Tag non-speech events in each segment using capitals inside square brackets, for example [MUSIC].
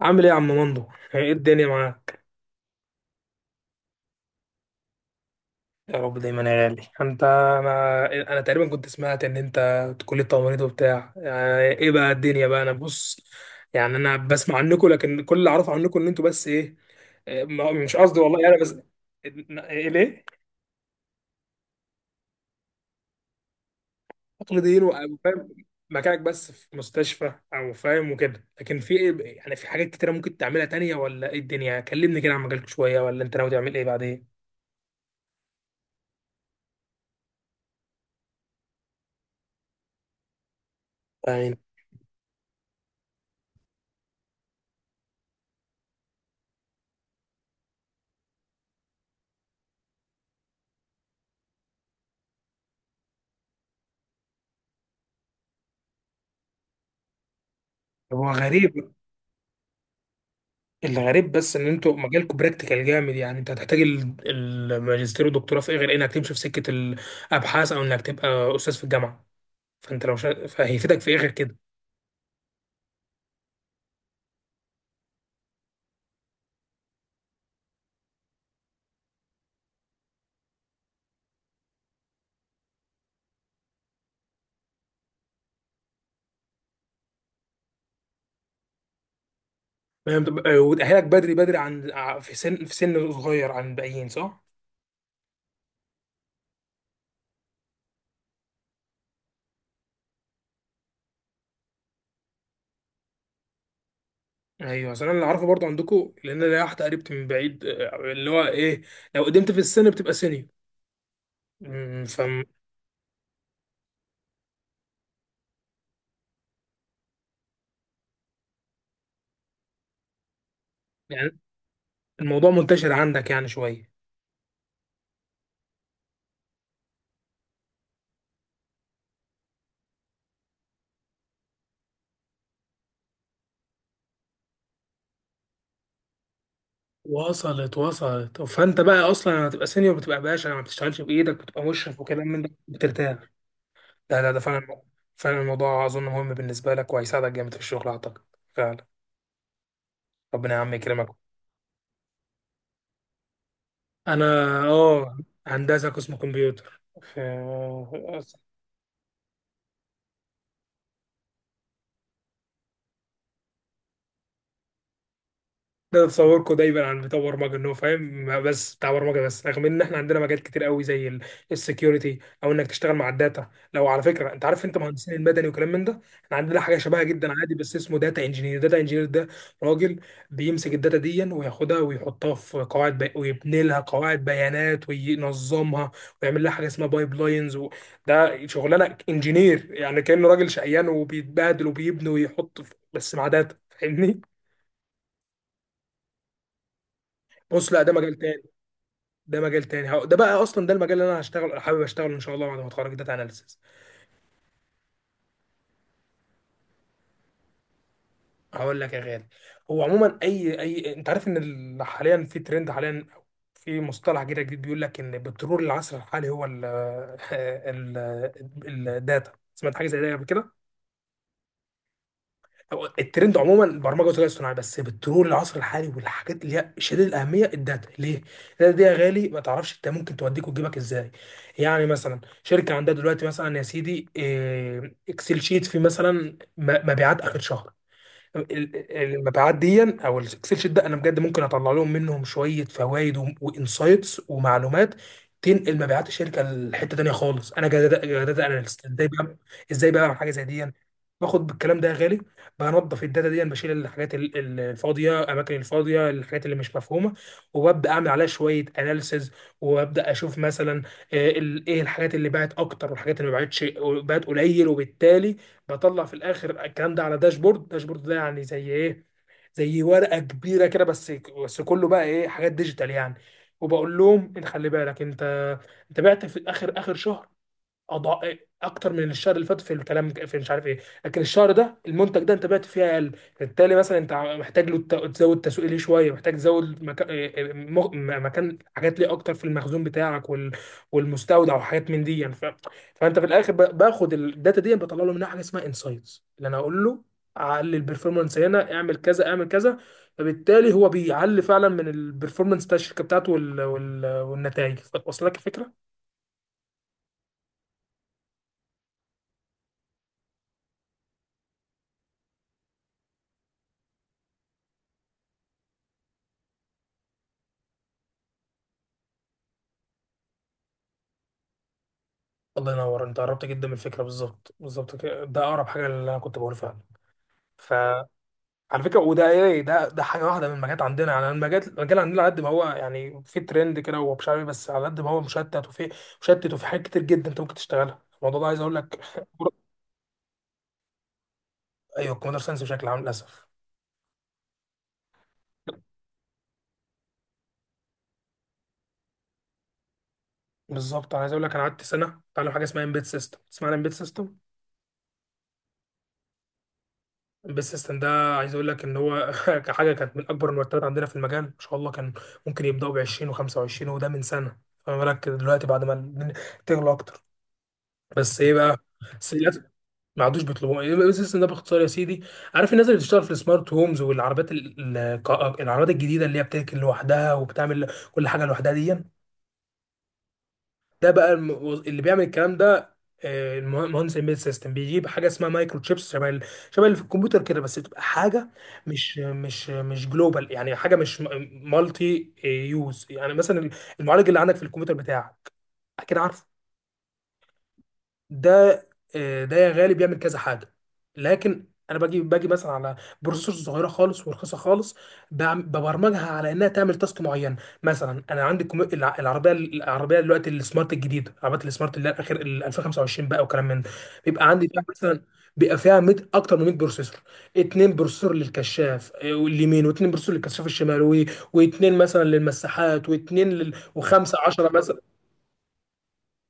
عامل ايه يا عم مندو؟ ايه الدنيا معاك؟ يا رب دايما يا غالي. انت انا انا تقريبا كنت سمعت انت كلية تمريض وبتاع، يعني ايه بقى الدنيا بقى؟ انا بص، يعني انا بسمع عنكم لكن كل اللي اعرفه عنكم ان انتوا بس ايه، إيه، ما- مش قصدي والله، انا بس ايه ليه. تقليديين فاهم، مكانك بس في مستشفى او فاهم وكده، لكن في ايه يعني، في حاجات كتيرة ممكن تعملها تانية ولا ايه الدنيا؟ كلمني كده عن مجالك شوية، ولا انت ناوي تعمل ايه بعدين؟ يعني هو غريب، الغريب بس ان انتوا مجالكم براكتيكال جامد، يعني انت هتحتاج الماجستير والدكتوراه في ايه غير انك تمشي في سكه الابحاث او انك تبقى استاذ في الجامعه؟ فانت لو فهيفيدك في ايه غير كده؟ فاهم؟ وتاهلك بدري بدري عن في سن، في سن صغير عن الباقيين، صح؟ ايوه، اصل انا اللي عارفه برضه عندكم، لان انا واحده قريبتي من بعيد، آه، اللي هو ايه، لو قدمت في السن بتبقى سينيور. أمم، فم يعني الموضوع منتشر عندك يعني شويه. وصلت وصلت، فانت بقى اصلا هتبقى سينيور، بتبقى باشا، ما بتشتغلش بايدك، بتبقى مشرف وكلام من ده، بترتاح. لا لا، ده فعلا، فعلا الموضوع اظن مهم بالنسبه لك، وهيساعدك جامد في الشغل اعتقد، فعلا. ربنا يا عم يكرمك. انا اه، هندسه قسم كمبيوتر في. ده تصوركم دايما عن بتاع برمجه، ان هو فاهم بس بتاع برمجه بس، رغم ان احنا عندنا مجالات كتير قوي زي السكيورتي، او انك تشتغل مع الداتا. لو على فكره انت عارف، انت مهندسين المدني وكلام من ده، احنا عندنا حاجه شبهها جدا عادي، بس اسمه داتا انجينير. داتا انجينير ده راجل بيمسك الداتا دي وياخدها ويحطها في ويبني لها قواعد بيانات وينظمها، ويعمل لها حاجه اسمها بايب لاينز ده شغلانه انجينير، يعني كانه راجل شقيان، وبيتبادل وبيبني ويحط بس مع داتا، فاهمني؟ بص لا، ده مجال تاني، ده مجال تاني، ده بقى اصلا ده المجال اللي انا هشتغل حابب اشتغله ان شاء الله بعد ما اتخرج، داتا اناليسيس. هقول لك يا غالي، هو عموما اي انت عارف ان حاليا في ترند، حاليا في مصطلح كده جديد، بيقول لك ان بترول العصر الحالي هو ال [LAUGHS] الداتا. سمعت حاجه زي ده قبل كده؟ هو الترند عموما البرمجه والذكاء الاصطناعي، بس بترول العصر الحالي والحاجات اللي هي شديد الاهميه الداتا. ليه؟ الداتا دي يا غالي ما تعرفش انت، ممكن توديك وتجيبك ازاي. يعني مثلا شركه عندها دلوقتي مثلا يا سيدي، اكسل شيت فيه مثلا مبيعات اخر شهر. المبيعات دي او الاكسل شيت ده، انا بجد ممكن اطلع لهم منهم شويه فوائد وانسايتس ومعلومات تنقل مبيعات الشركه لحته تانيه خالص. انا جداد اناليست ازاي بقى؟ ازاي بقى بعمل حاجه زي دي؟ باخد بالكلام ده يا غالي، بنظف الداتا دي، بشيل الحاجات الفاضيه، الاماكن الفاضيه، الحاجات اللي مش مفهومه، وببدا اعمل عليها شويه اناليسز، وابدا اشوف مثلا، ايه الحاجات اللي باعت اكتر والحاجات اللي ما باعتش، باعت قليل، وبالتالي بطلع في الاخر الكلام ده على داشبورد. داشبورد ده يعني زي ايه؟ زي ورقه كبيره كده، بس كله بقى ايه، حاجات ديجيتال يعني، وبقول لهم انت خلي بالك، انت انت بعت في اخر شهر أضع... اكتر من الشهر اللي فات في الكلام، في مش عارف ايه، لكن الشهر ده المنتج ده انت بعت فيه اقل، بالتالي مثلا انت محتاج له تزود تسويق ليه شويه، محتاج تزود مكان حاجات ليه اكتر في المخزون بتاعك والمستودع وحاجات من دي يعني، فانت في الاخر باخد الداتا دي، بطلع له منها حاجه اسمها انسايتس، اللي انا اقول له علي البرفورمانس، هنا اعمل كذا اعمل كذا، فبالتالي هو بيعلي فعلا من البرفورمانس بتاع الشركه بتاعته والنتائج. واصل لك الفكره؟ الله ينور، انت قربت جدا من الفكره، بالظبط بالظبط كده، ده اقرب حاجه اللي انا كنت بقوله، فعلا. فعلى فكره، وده ايه ده، ده حاجه واحده من المجالات عندنا، يعني المجال عندنا على قد ما هو يعني في ترند كده، ومش عارف بس على قد ما هو مشتت، وفي حاجات كتير جدا انت ممكن تشتغلها، الموضوع ده عايز اقول لك [LAUGHS] ايوه، الكمبيوتر ساينس بشكل عام للاسف. بالظبط، انا عايز اقول لك انا قعدت سنه اتعلم حاجه اسمها امبيد سيستم. تسمع عن امبيد سيستم؟ البيست سيستم ده عايز اقول لك ان هو [LAUGHS] كحاجه كانت من اكبر المرتبات عندنا في المجال ما شاء الله، كان ممكن يبداوا ب 20 و25، وده من سنه، فما بالك دلوقتي بعد ما الدنيا تغلى اكتر؟ بس ايه بقى، بس للاسف ما عادوش بيطلبوه. إيه البيست سيستم ده باختصار يا سيدي؟ عارف الناس اللي بتشتغل في السمارت هومز والعربيات العربيات الجديده اللي هي بتركن لوحدها وبتعمل كل حاجه لوحدها دي؟ ده بقى اللي بيعمل الكلام ده، مهندس امبيد سيستم، بيجيب حاجه اسمها مايكرو تشيبس، شبه شبه اللي في الكمبيوتر كده، بس تبقى حاجه مش جلوبال، يعني حاجه مش مالتي يوز. يعني مثلا المعالج اللي عندك في الكمبيوتر بتاعك، اكيد عارفه ده، آه، ده يا غالي بيعمل كذا حاجه، لكن انا باجي مثلا على بروسيسور صغيره خالص ورخيصه خالص، ببرمجها على انها تعمل تاسك معين. مثلا انا عندي العربيه، العربيه دلوقتي السمارت الجديده، العربيات السمارت اللي هي الاخير ال 2025 بقى وكلام من ده، بيبقى عندي فيها مثلا، بيبقى فيها 100، اكتر من 100 بروسيسور، اتنين بروسيسور للكشاف آه، واليمين، واتنين بروسيسور للكشاف الشمال واتنين مثلا للمساحات، واتنين وخمسه 10 مثلا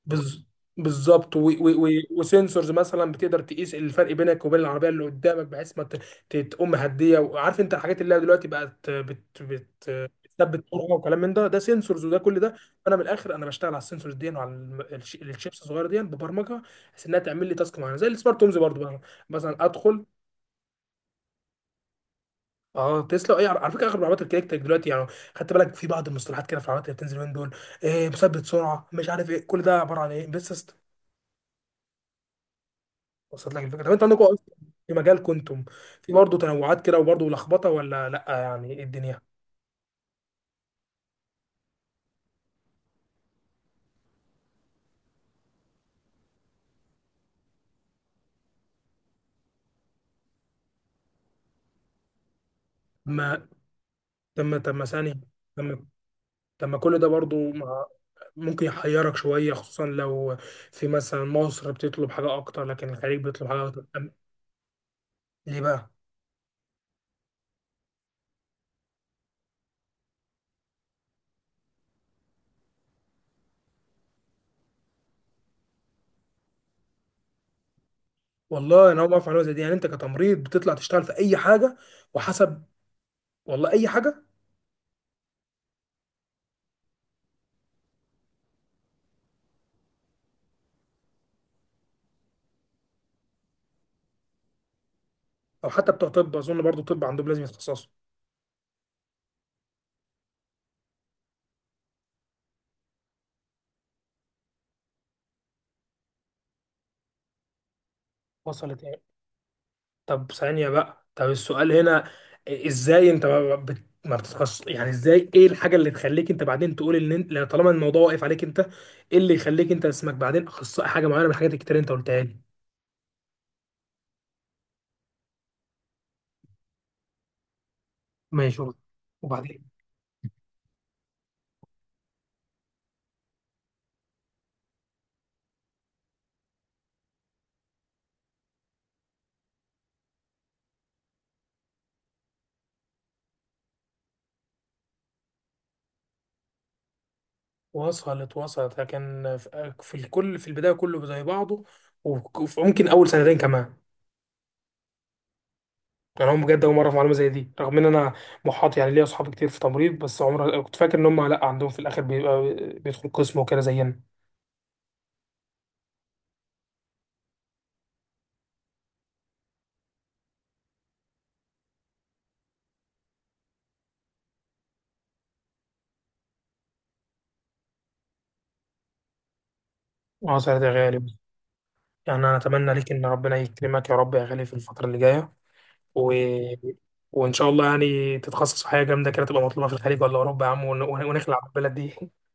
بز... بالظبط، وسنسورز مثلا بتقدر تقيس الفرق بينك وبين العربيه اللي قدامك، بحيث ما تقوم هديه، وعارف انت الحاجات اللي هي دلوقتي بقت بتثبت سرعه وكلام من ده، ده سنسورز وده كل ده. فانا من الاخر انا بشتغل على السنسورز دي وعلى الشيبس الصغيره دي، ببرمجها بحيث انها تعمل لي تاسك معينه زي السمارت هومز برضه بقى. مثلا ادخل. اه تسلا، اي، على على فكره اغلب العربيات الكليكتك دلوقتي يعني، خدت بالك في بعض المصطلحات كده في العربيات اللي بتنزل من دول، إيه مثبت سرعه، مش عارف ايه، كل ده عباره عن ايه بس. وصلت لك الفكره؟ طب انتوا عندكم اصلا في مجال كنتم في برضه تنوعات كده وبرضه لخبطه ولا لا، يعني ايه الدنيا؟ ما تم ثاني، تم تم كل ده برضه ممكن يحيرك شويه، خصوصا لو في مثلا مصر بتطلب حاجه اكتر لكن الخليج بيطلب حاجه اكتر ليه بقى؟ والله انا اول ما اعرف معلومه زي دي، يعني انت كتمريض بتطلع تشتغل في اي حاجه وحسب؟ والله اي حاجه، او حتى بتوع طب اظن برضه طب عندهم لازم يتخصصوا. وصلت. طب ثانية بقى، طب السؤال هنا، ازاي انت ما بتتخصص؟ يعني ازاي، ايه الحاجة اللي تخليك انت بعدين تقول ان انت، لو طالما الموضوع واقف عليك انت، ايه اللي يخليك انت اسمك بعدين اخصائي حاجة معينة من الحاجات الكتير اللي انت قلتها لي؟ ماشي قول. وبعدين؟ وصلت وصلت، لكن في الكل في البداية كله زي بعضه، وممكن اول سنتين كمان. يعني هم بجد اول مرة في معلومة زي دي، رغم ان انا محاط يعني ليا اصحاب كتير في تمريض، بس عمر كنت فاكر ان هم لا، عندهم في الاخر بيبقى بيدخل قسم وكده زينا. اه سنتين غالي، يعني أنا أتمنى ليك إن ربنا يكرمك يا رب يا غالي في الفترة اللي جاية، و... وإن شاء الله يعني تتخصص في حاجة جامدة كده تبقى مطلوبة في الخليج ولا أوروبا يا عم، ونخلع من البلد دي [LAUGHS]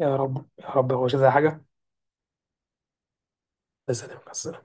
يا رب يا رب، هو مش زي حاجة بس.